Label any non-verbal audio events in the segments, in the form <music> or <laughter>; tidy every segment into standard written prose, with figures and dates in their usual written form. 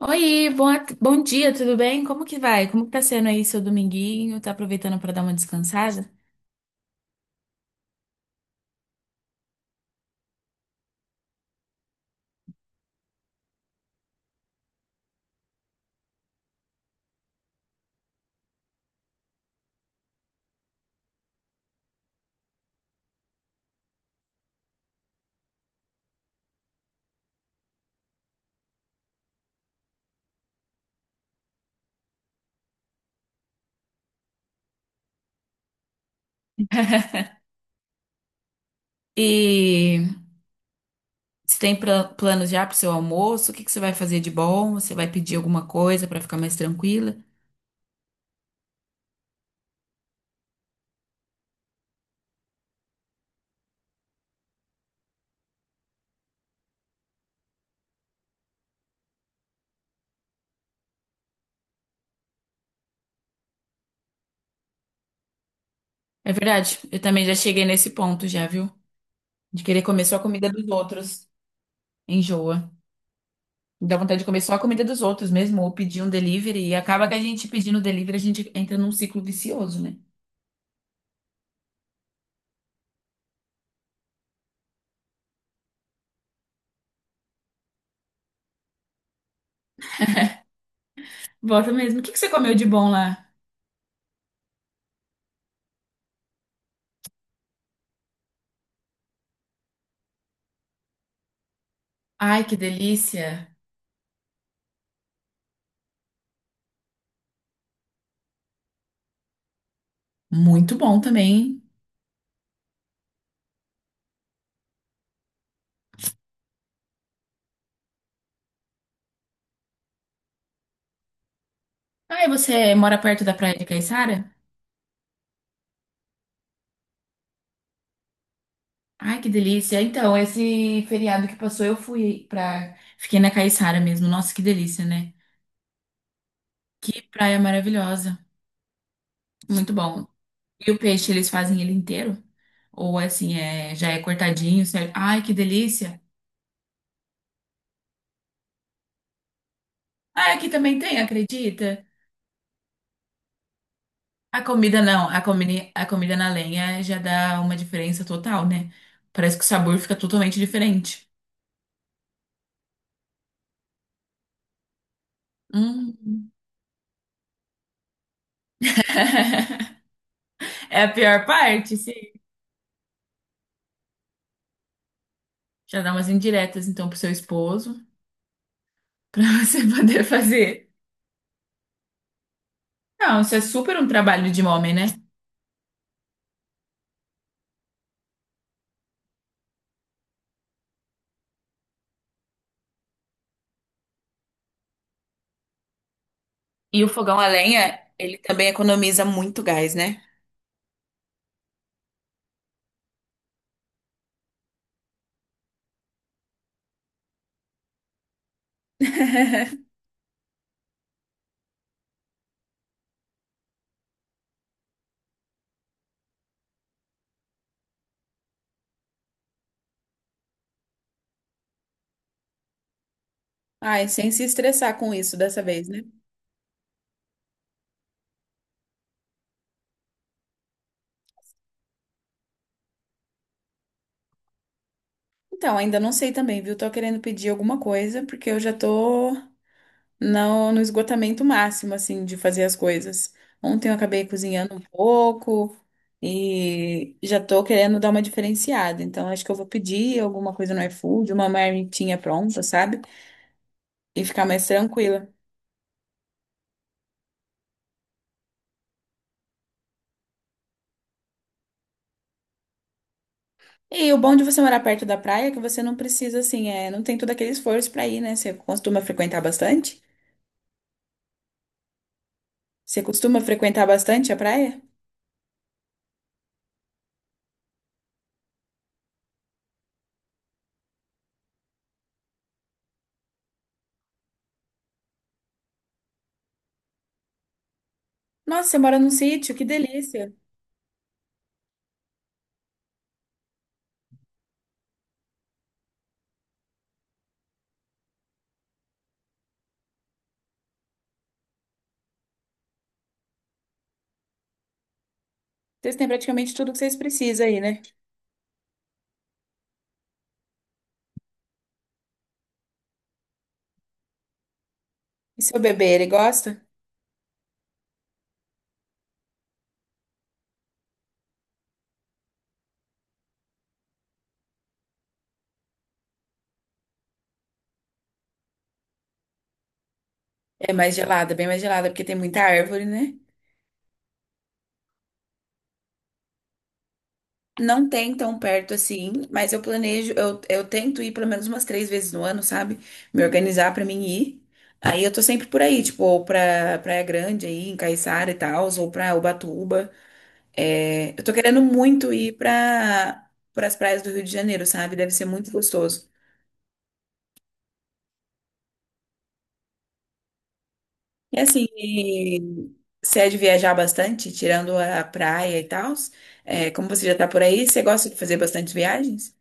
Oi, bom, bom dia, tudo bem? Como que vai? Como que tá sendo aí seu dominguinho? Tá aproveitando pra dar uma descansada? E você tem planos já pro seu almoço? O que que você vai fazer de bom? Você vai pedir alguma coisa pra ficar mais tranquila? É verdade, eu também já cheguei nesse ponto já, viu? De querer comer só a comida dos outros. Enjoa. Dá vontade de comer só a comida dos outros mesmo, ou pedir um delivery. E acaba que a gente pedindo delivery, a gente entra num ciclo vicioso, né? Volta mesmo. O que que você comeu de bom lá? Ai, que delícia! Muito bom também. Ah, e você mora perto da praia de Caiçara? Ai, que delícia. Então, esse feriado que passou, eu fui pra. Fiquei na Caiçara mesmo. Nossa, que delícia, né? Que praia maravilhosa. Muito bom. E o peixe, eles fazem ele inteiro? Ou assim, é... já é cortadinho, certo? Ai, que delícia. Ah, aqui também tem, acredita? A comida não, a comida na lenha já dá uma diferença total, né? Parece que o sabor fica totalmente diferente. Hum. <laughs> É a pior parte, sim. Já dá umas indiretas, então, pro seu esposo, pra <laughs> você poder fazer. Não, isso é super um trabalho de homem, né? E o fogão a lenha, ele também economiza muito gás, né? <laughs> Ai, sem se estressar com isso dessa vez, né? Então, ainda não sei também, viu? Tô querendo pedir alguma coisa, porque eu já tô no esgotamento máximo, assim, de fazer as coisas. Ontem eu acabei cozinhando um pouco e já tô querendo dar uma diferenciada. Então, acho que eu vou pedir alguma coisa no iFood, uma marmitinha pronta, sabe? E ficar mais tranquila. E o bom de você morar perto da praia é que você não precisa, assim, é, não tem todo aquele esforço pra ir, né? Você costuma frequentar bastante? Você costuma frequentar bastante a praia? Nossa, você mora num sítio, que delícia! Vocês têm praticamente tudo que vocês precisam aí, né? E seu bebê, ele gosta? É mais gelada, bem mais gelada, porque tem muita árvore, né? Não tem tão perto assim, mas eu planejo, eu tento ir pelo menos umas 3 vezes no ano, sabe? Me organizar pra mim ir. Aí eu tô sempre por aí, tipo, ou pra Praia Grande aí, em Caiçara e tal, ou pra Ubatuba. É, eu tô querendo muito ir pra, pras praias do Rio de Janeiro, sabe? Deve ser muito gostoso. E assim, e se é de viajar bastante, tirando a praia e tal, como você já tá por aí, você gosta de fazer bastante viagens?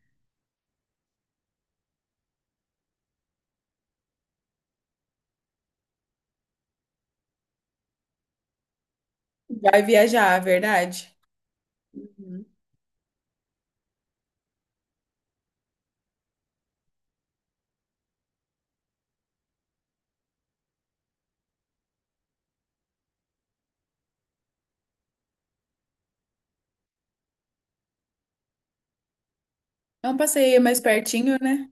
Vai viajar, verdade? Uhum. É um passeio mais pertinho, né?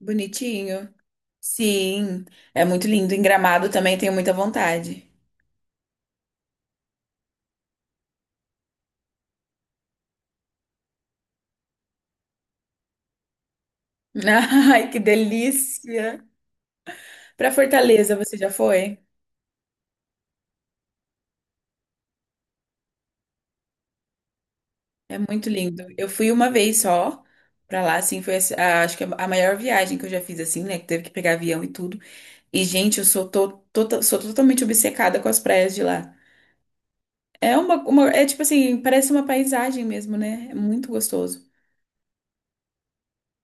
Bonitinho. Sim, é muito lindo. Em Gramado também tenho muita vontade. <laughs> Ai, que delícia! Para Fortaleza, você já foi? É muito lindo. Eu fui uma vez só pra lá, assim, foi assim, acho que é a maior viagem que eu já fiz, assim, né? Que teve que pegar avião e tudo. E, gente, eu sou, sou totalmente obcecada com as praias de lá. É é tipo assim, parece uma paisagem mesmo, né? É muito gostoso.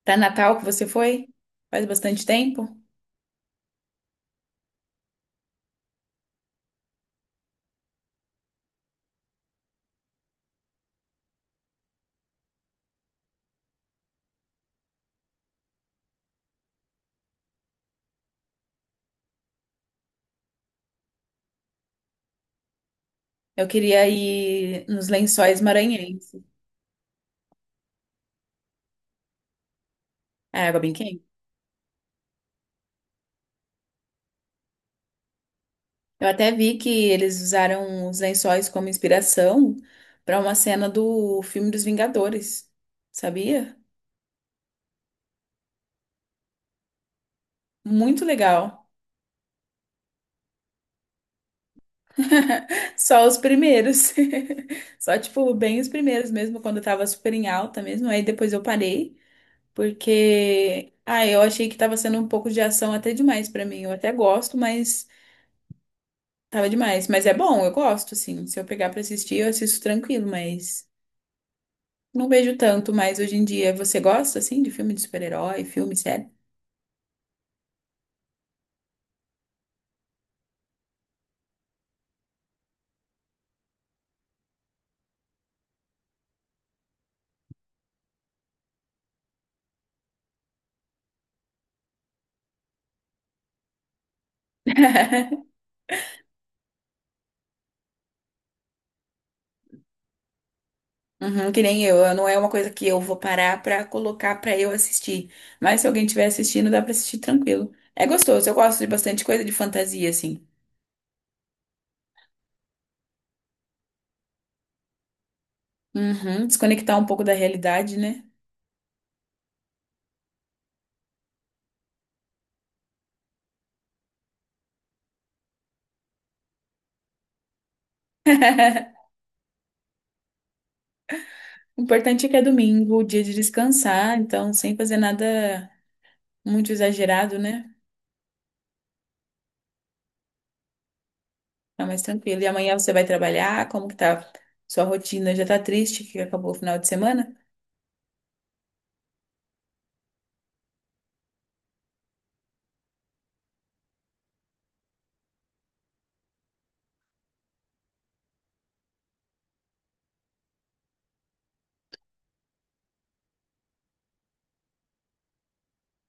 Para Natal que você foi? Faz bastante tempo. Eu queria ir nos Lençóis Maranhenses. É água bem quente. Eu até vi que eles usaram os lençóis como inspiração para uma cena do filme dos Vingadores. Sabia? Muito legal. <laughs> Só os primeiros. <laughs> Só, tipo, bem os primeiros mesmo, quando eu tava super em alta mesmo. Aí depois eu parei, porque. Ah, eu achei que tava sendo um pouco de ação até demais pra mim. Eu até gosto, mas. Tava demais, mas é bom, eu gosto, assim. Se eu pegar pra assistir, eu assisto tranquilo, mas não vejo tanto mais hoje em dia. Você gosta, assim, de filme de super-herói, filme sério? <laughs> Uhum, que nem eu, não é uma coisa que eu vou parar pra colocar pra eu assistir. Mas se alguém estiver assistindo, dá pra assistir tranquilo. É gostoso, eu gosto de bastante coisa de fantasia, assim. Uhum, desconectar um pouco da realidade, né? <laughs> O importante é que é domingo, o dia de descansar, então sem fazer nada muito exagerado, né? Tá mais tranquilo. E amanhã você vai trabalhar? Como que tá? Sua rotina já tá triste que acabou o final de semana?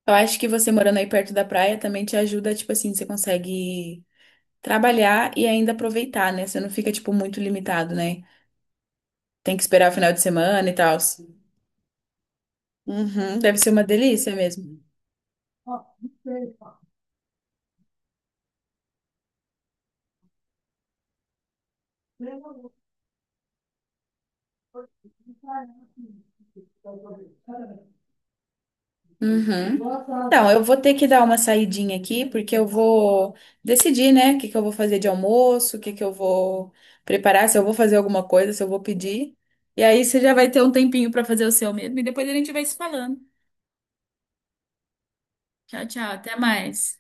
Eu acho que você morando aí perto da praia também te ajuda, tipo assim, você consegue trabalhar e ainda aproveitar, né? Você não fica, tipo, muito limitado, né? Tem que esperar o final de semana e tal. Uhum, deve ser uma delícia mesmo. Uhum. Então, eu vou ter que dar uma saidinha aqui, porque eu vou decidir, né, o que que eu vou fazer de almoço, o que que eu vou preparar, se eu vou fazer alguma coisa, se eu vou pedir. E aí você já vai ter um tempinho para fazer o seu mesmo, e depois a gente vai se falando. Tchau, tchau, até mais.